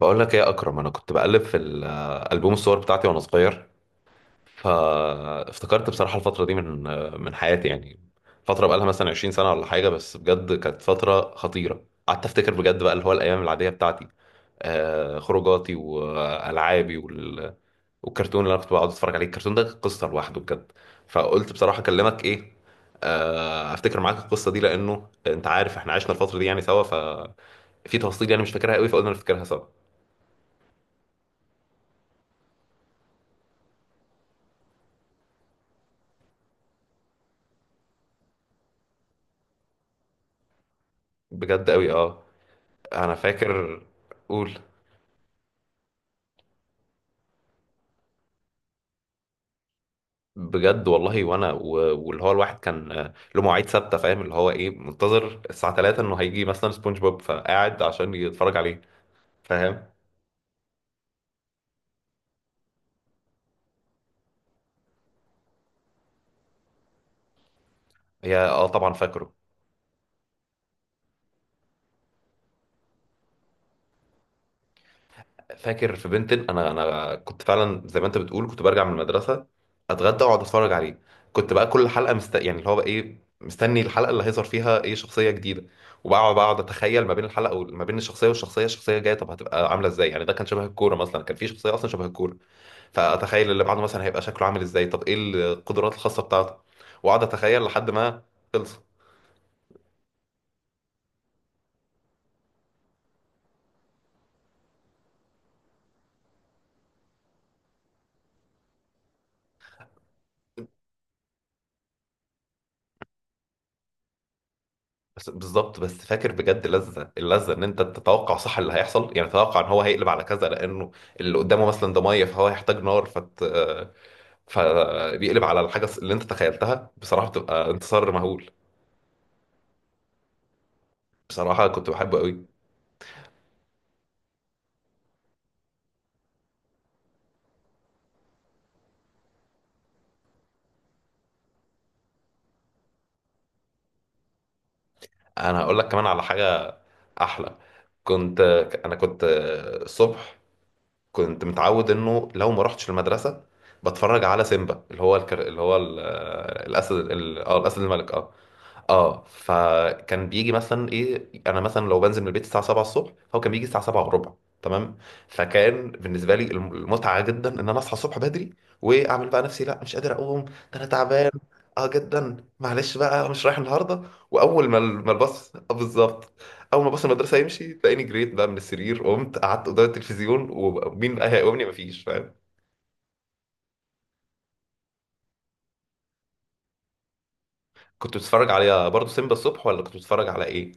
بقول لك ايه يا اكرم؟ انا كنت بقلب في البوم الصور بتاعتي وانا صغير، فافتكرت بصراحه الفتره دي من حياتي يعني. فتره بقالها مثلا 20 سنه ولا حاجه، بس بجد كانت فتره خطيره. قعدت افتكر بجد بقى اللي هو الايام العاديه بتاعتي، خروجاتي والعابي والكرتون اللي انا كنت بقعد اتفرج عليه. الكرتون ده كان قصه لوحده بجد. فقلت بصراحه اكلمك ايه، افتكر معاك القصه دي، لانه انت عارف احنا عشنا الفتره دي يعني سوا، ففي تفاصيل يعني مش فاكرها قوي، فقلنا نفتكرها سوا. بجد قوي، اه. انا فاكر. قول. بجد والله. وانا واللي هو الواحد كان له مواعيد ثابته، فاهم؟ اللي هو ايه، منتظر الساعه 3 انه هيجي مثلا سبونج بوب، فقاعد عشان يتفرج عليه. فاهم؟ هي اه طبعا فاكره. فاكر في بنتن. انا كنت فعلا زي ما انت بتقول، كنت برجع من المدرسه، اتغدى واقعد اتفرج عليه. كنت بقى كل حلقه يعني اللي هو بقى ايه، مستني الحلقه اللي هيظهر فيها ايه شخصيه جديده. وبقعد اتخيل ما بين الحلقه وما بين الشخصيه والشخصيه، الشخصيه الجايه طب هتبقى عامله ازاي. يعني ده كان شبه الكوره مثلا، كان في شخصيه اصلا شبه الكوره، فاتخيل اللي بعده مثلا هيبقى شكله عامل ازاي، طب ايه القدرات الخاصه بتاعته، واقعد اتخيل لحد ما خلص. بس بالظبط. بس فاكر بجد لذة اللذة ان انت تتوقع صح اللي هيحصل، يعني تتوقع ان هو هيقلب على كذا لانه اللي قدامه مثلا ده ميه فهو هيحتاج نار فبيقلب على الحاجة اللي انت تخيلتها، بصراحة بتبقى انتصار مهول. بصراحة كنت بحبه قوي. انا هقول لك كمان على حاجة احلى. كنت انا كنت الصبح كنت متعود انه لو ما رحتش المدرسة بتفرج على سيمبا، اللي هو اللي هو الاسد اه الاسد الملك، اه اه. فكان بيجي مثلا ايه، انا مثلا لو بنزل من البيت الساعه 7 الصبح، هو كان بيجي الساعه 7 وربع. تمام. فكان بالنسبه لي المتعه جدا ان انا اصحى الصبح بدري، واعمل بقى نفسي لا مش قادر اقوم، ده انا تعبان اه جدا، معلش بقى أنا مش رايح النهارده. واول ما ما الباص، آه بالظبط، اول ما باص المدرسه يمشي، تلاقيني جريت بقى من السرير، قمت قعدت قدام التلفزيون، ومين بقى هيقومني، مفيش. فاهم؟ كنت بتتفرج على برضه سيمبا الصبح ولا كنت بتتفرج على ايه؟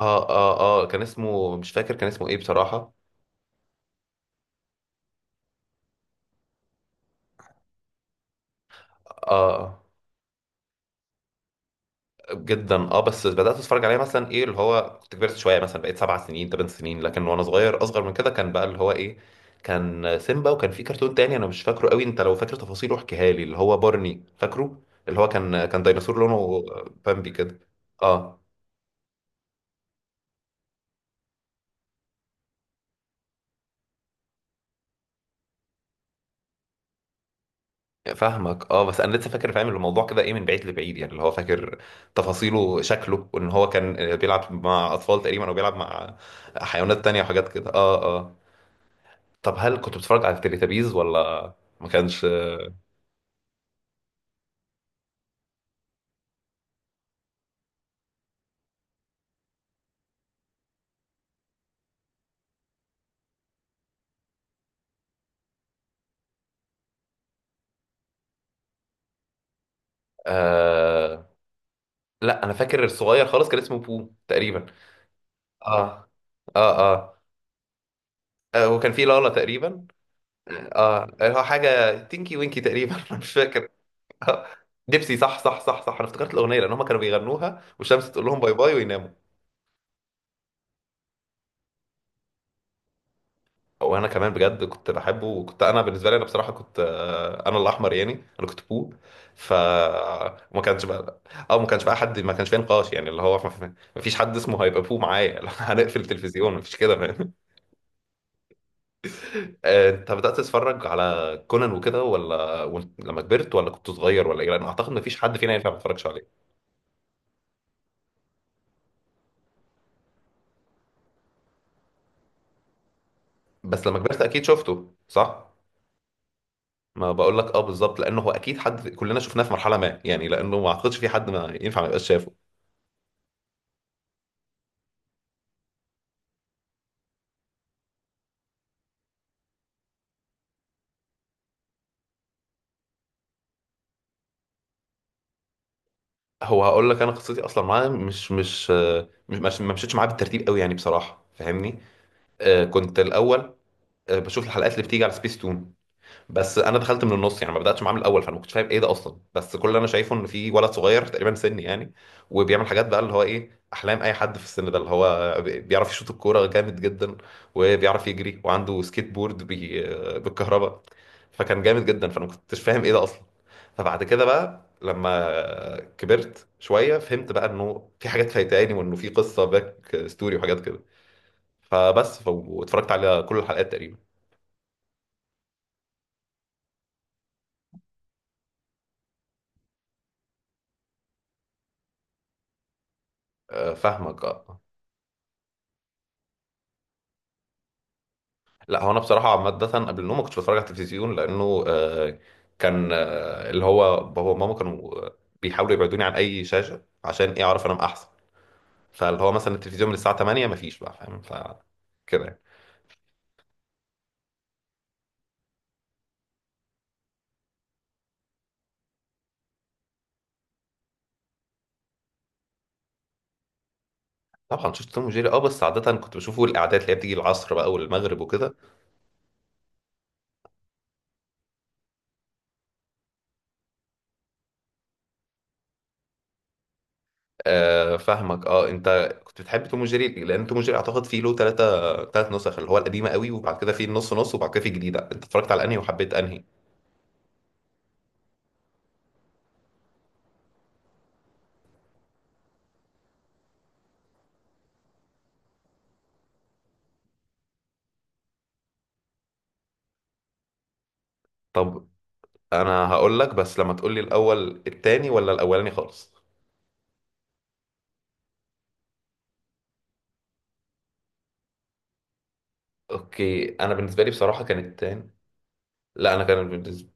اه اه اه، كان اسمه مش فاكر، كان اسمه ايه بصراحة. اه جدا اه، بس بدات اتفرج عليه مثلا ايه اللي هو كنت كبرت شويه، مثلا بقيت سبع سنين ثمان سنين، لكن وانا صغير اصغر من كده كان بقى اللي هو ايه، كان سيمبا. وكان في كرتون تاني انا مش فاكره قوي، انت لو فاكر تفاصيله احكيها لي، اللي هو بارني، فاكره؟ اللي هو كان ديناصور لونه بامبي كده، اه. فاهمك اه. بس انا لسه فاكر، فاهم الموضوع كده ايه، من بعيد لبعيد يعني، اللي هو فاكر تفاصيله، شكله، وان هو كان بيلعب مع اطفال تقريبا، او بيلعب مع حيوانات تانية وحاجات كده، اه اه. طب هل كنت بتتفرج على التليتابيز ولا ما كانش؟ آه... لا انا فاكر الصغير خالص كان اسمه بو تقريبا. اه اه اه، وكان في لالا تقريبا، اه. هو حاجه تينكي وينكي تقريبا أنا مش فاكر. آه. ديبسي، صح صح صح صح، انا افتكرت الاغنيه لان هم كانوا بيغنوها والشمس تقول لهم باي باي ويناموا. وانا كمان بجد كنت بحبه، وكنت انا بالنسبه لي انا بصراحه كنت انا الاحمر يعني، انا كنت بو. ف ما كانش بقى ما كانش بقى حد، ما كانش فيه نقاش يعني اللي هو ما فيش حد اسمه هيبقى بو معايا لو هنقفل التلفزيون ما فيش كده، فاهم؟ انت بدات تتفرج على كونان وكده ولا لما كبرت، ولا كنت صغير، ولا ايه؟ لان اعتقد ما فيش حد فينا ينفع ما يتفرجش عليه. بس لما كبرت اكيد شفته، صح؟ ما بقول لك اه بالظبط، لانه هو اكيد حد كلنا شفناه في مرحله ما يعني، لانه ما اعتقدش في حد ما ينفع ما يبقاش شافه. هو هقول لك، انا قصتي اصلا معاه مش مش آه، مش مش- ما مشيتش معاه بالترتيب قوي يعني بصراحه، فاهمني؟ كنت الاول بشوف الحلقات اللي بتيجي على سبيس تون، بس انا دخلت من النص يعني، ما بداتش معاه من الاول، فانا ما كنتش فاهم ايه ده اصلا، بس كل اللي انا شايفه ان في ولد صغير تقريبا سني يعني، وبيعمل حاجات بقى اللي هو ايه احلام اي حد في السن ده، اللي هو بيعرف يشوط الكوره جامد جدا، وبيعرف يجري، وعنده سكيت بورد بالكهرباء، فكان جامد جدا، فانا ما كنتش فاهم ايه ده اصلا. فبعد كده بقى لما كبرت شويه فهمت بقى انه في حاجات فايتاني، وانه في قصه باك ستوري وحاجات كده، فبس واتفرجت على كل الحلقات تقريبا. فاهمك اه. لا هو انا بصراحه عامه قبل النوم ما كنتش بتفرج على التلفزيون، لانه كان اللي هو بابا وماما كانوا بيحاولوا يبعدوني عن اي شاشه، عشان ايه، اعرف انام احسن. فاللي هو مثلا التلفزيون من الساعه 8 ما فيش بقى، فاهم؟ كده يعني. طبعا شفت توم وجيري، اه، بس عاده كنت بشوفه الاعداد اللي هي بتيجي العصر بقى والمغرب وكده. فاهمك اه. انت كنت بتحب توم وجيري؟ لان توم وجيري اعتقد فيه له ثلاث نسخ، اللي هو القديمه قوي، وبعد كده فيه النص نص، وبعد كده فيه الجديده. انت اتفرجت على انهي وحبيت انهي؟ طب انا هقول لك، بس لما تقول لي الاول التاني ولا الاولاني خالص. اوكي، انا بالنسبه لي بصراحه كان التاني. لا انا كان بالنسبه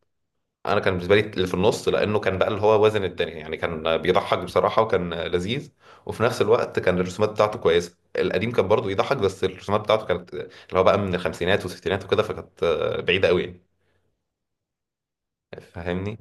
انا كان بالنسبه لي اللي في النص، لانه كان بقى اللي هو وزن التاني يعني، كان بيضحك بصراحه وكان لذيذ، وفي نفس الوقت كان الرسومات بتاعته كويسه. القديم كان برضه يضحك، بس الرسومات بتاعته كانت اللي هو بقى من الخمسينات والستينات وكده، فكانت بعيده قوي يعني، فاهمني؟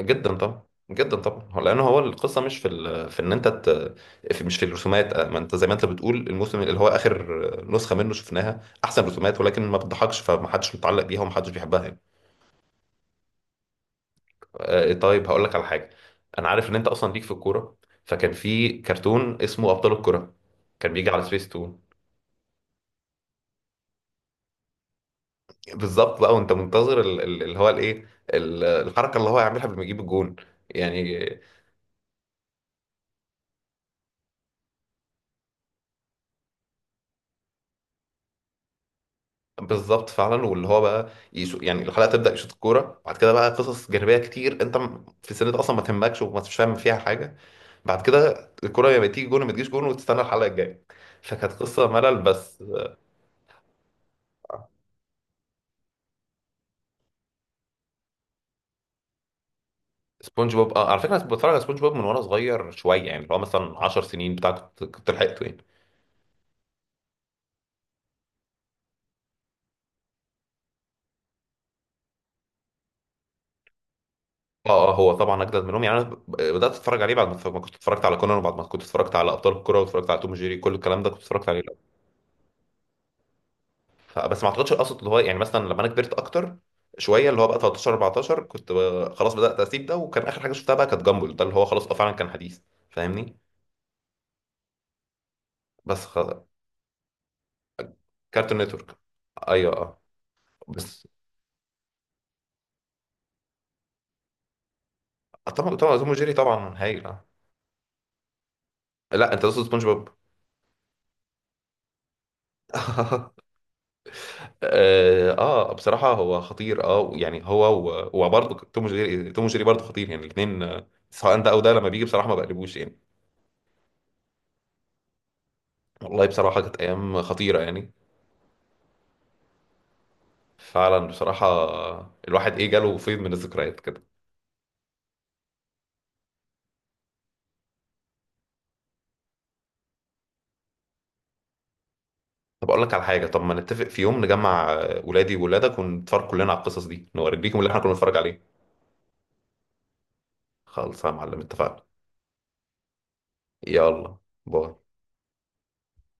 جدا طبعا، جدا طبعا. هو لان هو القصه مش في في ان انت في مش في الرسومات. ما انت زي ما انت بتقول، الموسم اللي هو اخر نسخه منه شفناها احسن رسومات، ولكن ما بتضحكش، فمحدش متعلق بيها ومحدش بيحبها يعني. طيب هقول لك على حاجه. انا عارف ان انت اصلا ليك في الكوره، فكان في كرتون اسمه ابطال الكوره، كان بيجي على سبيس تون. بالظبط بقى، وانت منتظر اللي هو الايه، الحركه اللي هو هيعملها قبل ما يجيب الجون، يعني. بالظبط فعلا، واللي هو بقى يعني الحلقه تبدا يشوط الكوره، بعد كده بقى قصص جانبيه كتير انت في السن ده اصلا ما تهمكش، مش فاهم فيها حاجه، بعد كده الكوره يا تيجي جون يا ما تجيش جون، وتستنى الحلقه الجايه، فكانت قصه ملل بس. سبونج بوب، اه على فكره انا بتفرج على سبونج بوب من وانا صغير شويه يعني، اللي هو مثلا 10 سنين بتاع، كنت لحقته يعني. اه اه، هو طبعا اجدد منهم يعني، انا بدات اتفرج عليه بعد ما ما كنت اتفرجت على كونان، وبعد ما كنت اتفرجت على ابطال الكوره، واتفرجت على توم جيري، كل الكلام ده كنت اتفرجت عليه. فبس ما اعتقدش القصد اللي هو يعني، مثلا لما انا كبرت اكتر شويه اللي هو بقى 13 14، كنت خلاص بدات اسيب ده، وكان اخر حاجه شفتها بقى كانت جامبل ده، اللي هو خلاص اه فعلا كان حديث، فاهمني؟ بس خ... كارتون نتورك، ايوه اه. بس طبعا طبعا توم وجيري طبعا هايل، اه. لا انت تقصد سبونج بوب. اه، بصراحه هو خطير، اه يعني، هو وبرضه توم وجيري برضه خطير يعني، الاثنين سواء ده او ده لما بيجي بصراحه ما بقلبوش يعني. والله بصراحه كانت ايام خطيره يعني. فعلا بصراحة، الواحد ايه جاله فيض من الذكريات كده. طب اقول لك على حاجة، طب ما نتفق في يوم نجمع ولادي وولادك، ونتفرج كلنا على القصص دي، نوريكم اللي احنا كنا بنتفرج عليه. خالص يا معلم، اتفقنا. يلا، باي.